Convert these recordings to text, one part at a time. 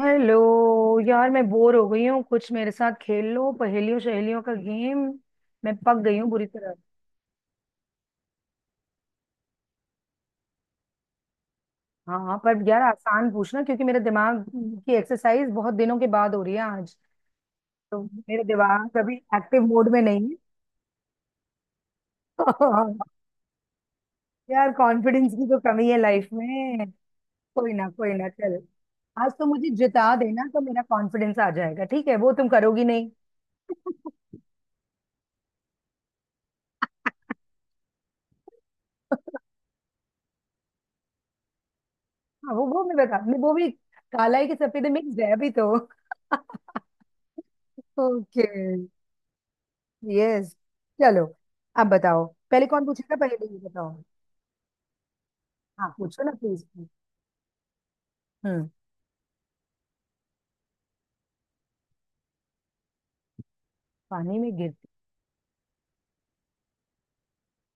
Hello. यार मैं bore हो गई हूँ, कुछ मेरे साथ खेल लो, पहेलियों सहेलियों का गेम। मैं पक गई हूँ बुरी तरह। हाँ हाँ, पर यार आसान पूछना क्योंकि मेरे दिमाग की एक्सरसाइज बहुत दिनों के बाद हो रही है आज। तो मेरे दिमाग कभी एक्टिव मोड में नहीं है। यार कॉन्फिडेंस की तो कमी है लाइफ में। कोई ना चल, आज तो मुझे जिता देना तो मेरा कॉन्फिडेंस आ जाएगा। ठीक है, वो तुम करोगी नहीं। हाँ, वो मैं बता, मैं वो भी। काला है कि सफेद, मिक्स है अभी तो। ओके। यस, चलो। अब बताओ, पहले कौन पूछेगा पहले ये बताओ। हाँ पूछो ना प्लीज। हम्म। पानी में गिर।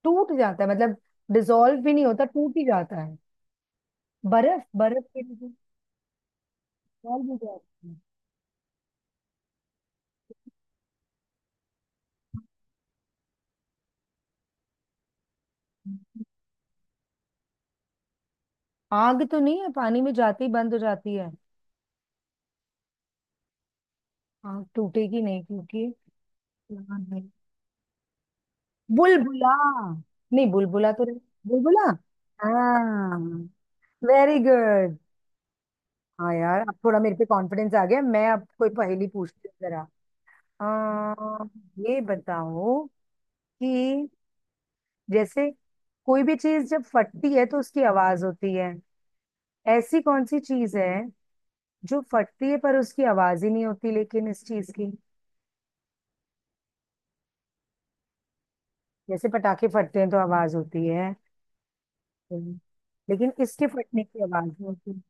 टूट जाता है मतलब? डिसॉल्व भी नहीं होता, टूट ही जाता है? बर्फ, बर्फ के डिसॉल्व हो जाती है। आग तो नहीं है, पानी में जाती बंद हो जाती है। आग टूटेगी नहीं क्योंकि। प्लान है। बुलबुला। नहीं बुलबुला तो नहीं- बुलबुला। हाँ। Very good. हाँ यार, अब थोड़ा मेरे पे कॉन्फिडेंस आ गया, मैं अब कोई पहेली पूछती हूँ जरा। आ, ये बताओ कि, जैसे कोई भी चीज जब फटती है तो उसकी आवाज होती है। ऐसी कौन सी चीज है जो फटती है पर उसकी आवाज ही नहीं होती, लेकिन इस चीज की। जैसे पटाखे फटते हैं तो आवाज होती है, लेकिन इसके फटने की आवाज नहीं होती।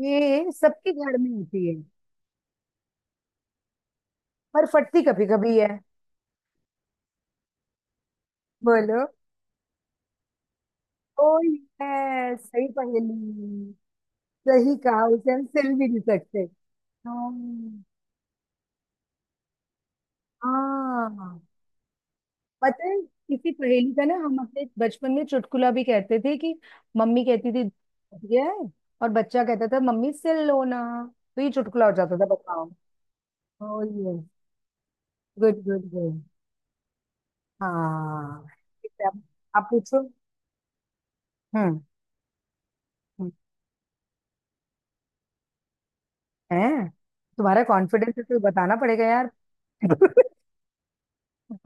ये सबके घर में होती है, पर फटती कभी कभी है। बोलो। ओ यस, सही पहेली। सही कहा, उसे हम सिल भी नहीं सकते। हाँ। हाँ, पता है। किसी पहेली का ना हम अपने बचपन में चुटकुला भी कहते थे कि, मम्मी कहती थी दिया है और बच्चा कहता था मम्मी सिल लो ना। तो ये चुटकुला हो जाता था, बताओ। Oh yes. Good good good. हाँ। ठीक है, अब आप पूछो। हम्म। हम्म, है। तुम्हारा कॉन्फिडेंस है तो बताना पड़ेगा यार।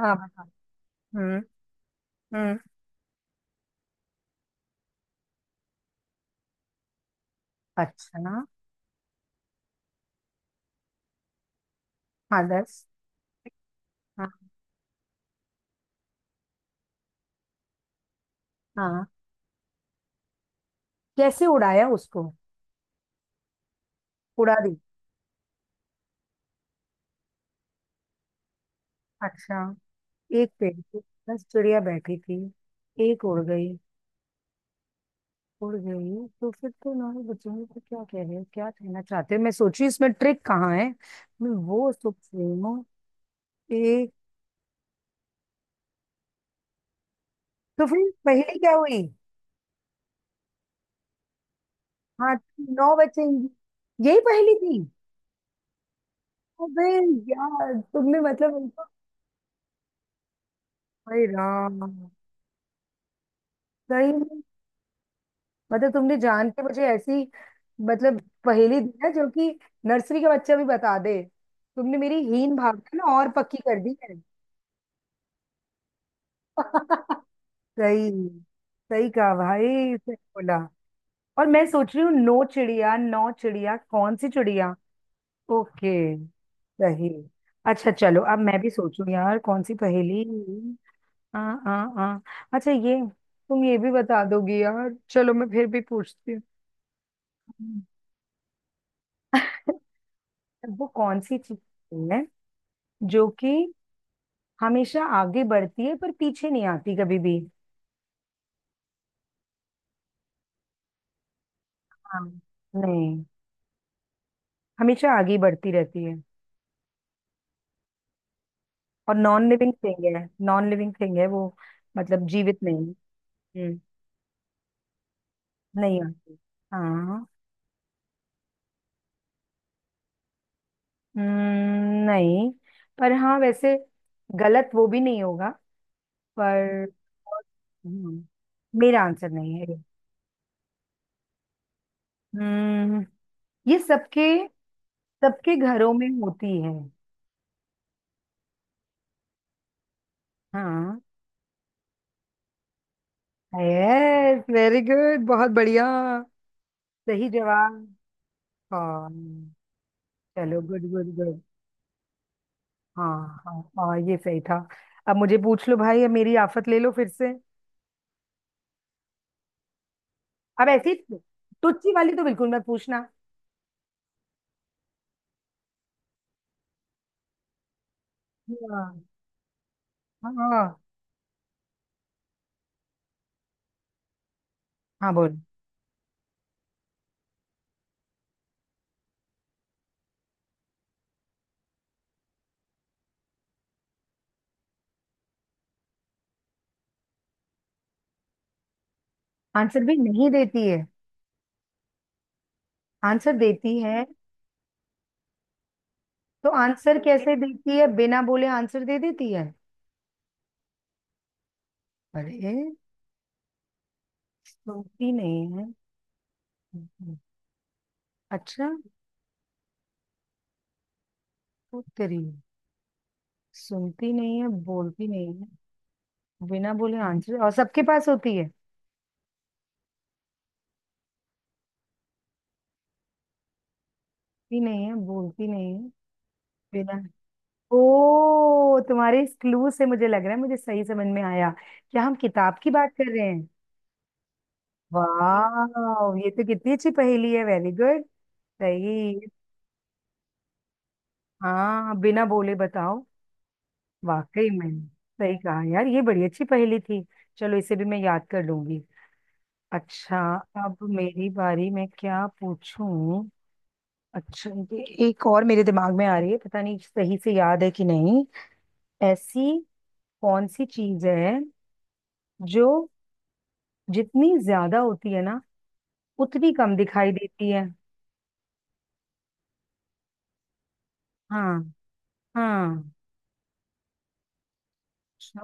हाँ बताओ। हम्म। हम्म। अच्छा। हाँ 10। हाँ। हाँ। कैसे उड़ाया उसको, उड़ा दी? अच्छा। एक पेड़ पे 10 चिड़िया बैठी थी, 1 उड़ गई। उड़ गई तो फिर तो, हमारे बच्चों को क्या कह रहे हैं, क्या कहना चाहते हैं? मैं सोची इसमें ट्रिक कहाँ है, मैं वो सोच रही हूँ। एक। तो फिर पहेली क्या हुई? हाँ 9 बचेंगी, यही पहेली थी? अबे यार, तुमने मतलब उनको। अरे राम। सही में मतलब तुमने जान के मुझे ऐसी, मतलब पहेली दी है जो कि नर्सरी के बच्चे भी बता दे। तुमने मेरी हीन भावना ना और पक्की कर दी है। सही। सही कहा भाई, सही बोला। और मैं सोच रही हूँ नो चिड़िया, नौ चिड़िया, कौन सी चिड़िया। ओके। सही। अच्छा चलो, अब मैं भी सोचूं यार कौन सी पहेली। आ आ आ अच्छा ये, तुम ये भी बता दोगी यार, चलो मैं फिर भी पूछती हूँ। वो कौन सी चीज है जो कि हमेशा आगे बढ़ती है पर पीछे नहीं आती कभी भी। हाँ। नहीं, हमेशा आगे बढ़ती रहती है। और नॉन लिविंग थिंग है, नॉन लिविंग थिंग है वो। मतलब जीवित नहीं। हम्म। नहीं आती। हाँ। नहीं। पर हाँ वैसे गलत वो भी नहीं होगा, पर। हम्म, मेरा आंसर नहीं है ये। हम्म, ये सबके, सबके घरों में होती है। हाँ। यस वेरी गुड, बहुत बढ़िया। सही जवाब। हाँ। चलो गुड गुड गुड। हाँ। हाँ हाँ, ये सही था। अब मुझे पूछ लो भाई, अब मेरी आफत ले लो फिर से। अब ऐसी तुच्छी वाली तो बिल्कुल मत पूछना। हाँ। हाँ। हाँ बोल। आंसर भी नहीं देती है? आंसर देती है? तो आंसर कैसे देती है, बिना बोले आंसर दे देती है? अरे। सुनती नहीं है। हम्म, अच्छा। तो तेरी, सुनती नहीं है, बोलती नहीं है, बिना बोले आंसर, और सबके पास होती है। सुनती नहीं है, बोलती नहीं है, बिना। ओ तुम्हारे इस क्लू से मुझे लग रहा है मुझे सही समझ में आया। क्या हम किताब की बात कर रहे हैं? वाह, ये तो कितनी अच्छी पहेली है, वेरी गुड। सही। हाँ बिना बोले, बताओ। वाकई में, सही कहा यार, ये बड़ी अच्छी पहेली थी। चलो इसे भी मैं याद कर लूंगी। अच्छा, अब मेरी बारी, मैं क्या पूछूं। अच्छा ये एक और मेरे दिमाग में आ रही है, पता नहीं सही से याद है कि नहीं। ऐसी कौन सी चीज है जो जितनी ज्यादा होती है ना उतनी कम दिखाई देती है। हाँ। हाँ। अच्छा,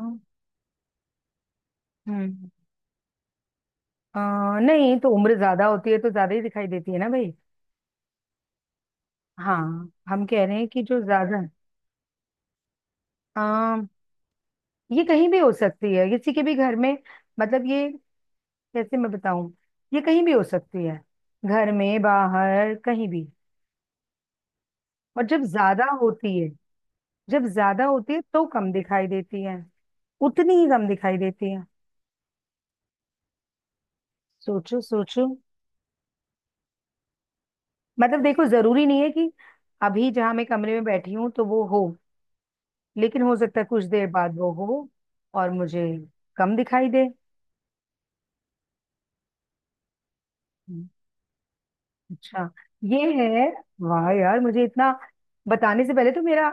हम्म। नहीं तो उम्र ज्यादा होती है तो ज्यादा ही दिखाई देती है ना भाई। हाँ। हम कह रहे हैं कि जो ज्यादा। आ, ये कहीं भी हो सकती है किसी के भी घर में, मतलब ये, कैसे मैं बताऊं। ये कहीं भी हो सकती है, घर में बाहर कहीं भी। और जब ज्यादा होती है, जब ज्यादा होती है तो कम दिखाई देती है, उतनी ही कम दिखाई देती है। सोचो सोचो। मतलब देखो, जरूरी नहीं है कि अभी जहां मैं कमरे में बैठी हूँ तो वो हो, लेकिन हो सकता है कुछ देर बाद वो हो और मुझे कम दिखाई दे। हम्म, अच्छा। ये है। वाह यार, मुझे इतना बताने से पहले तो मेरा,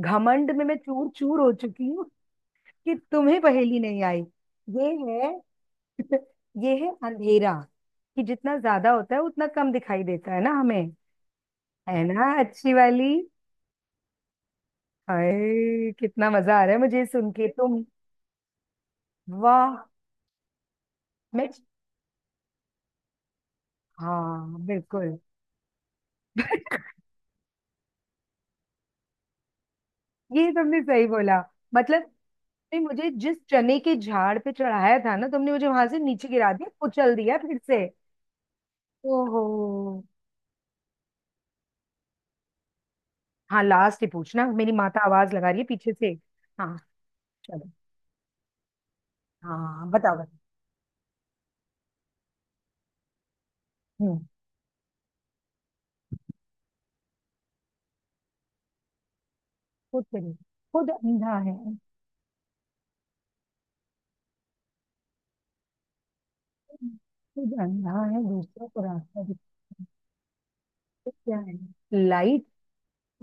घमंड में मैं चूर चूर हो चुकी हूँ कि तुम्हें पहेली नहीं आई। ये है। ये है अंधेरा, कि जितना ज्यादा होता है उतना कम दिखाई देता है ना हमें। है ना अच्छी वाली। हाय कितना मजा आ रहा है मुझे, सुन के तुम। वाह। मैं। हाँ बिल्कुल। ये तुमने सही बोला, मतलब तुमने मुझे जिस चने के झाड़ पे चढ़ाया था ना, तुमने मुझे वहां से नीचे गिरा दिया, कुचल दिया फिर से। ओहो। हाँ लास्ट ही पूछना, मेरी माता आवाज लगा रही है पीछे से। हाँ। चलो। हाँ बताओ बताओ। हम्म। खुद करिए। खुद अंधा है। खुद अंधा है दूसरों को रास्ता दिखाता है। तो क्या है, लाइट?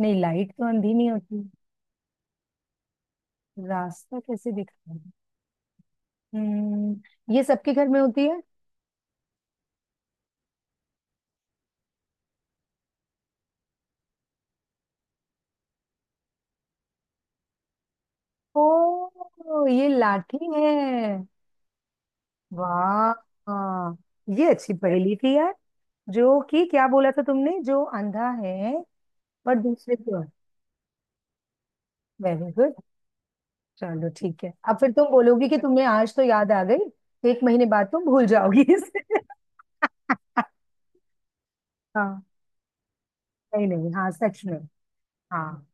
नहीं लाइट तो अंधी नहीं होती, रास्ता कैसे दिखाएगी। हम्म, ये सबके घर में होती है? ओ ये लाठी है। वाह ये अच्छी पहेली थी यार। जो कि क्या बोला था तुमने, जो अंधा है पर दूसरे को। Very good. चलो ठीक है, अब फिर तुम बोलोगी कि तुम्हें आज तो याद आ गई, 1 महीने बाद तुम भूल जाओगी इसे। हाँ। नहीं नहीं, हाँ सच में। हाँ।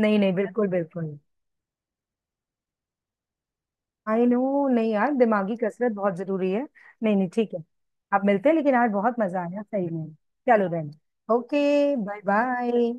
नहीं नहीं, बिल्कुल बिल्कुल। आई नो, नहीं यार दिमागी कसरत बहुत जरूरी है। नहीं नहीं ठीक है, आप मिलते हैं, लेकिन आज बहुत मजा आया सही में। चलो रहना, ओके बाय बाय।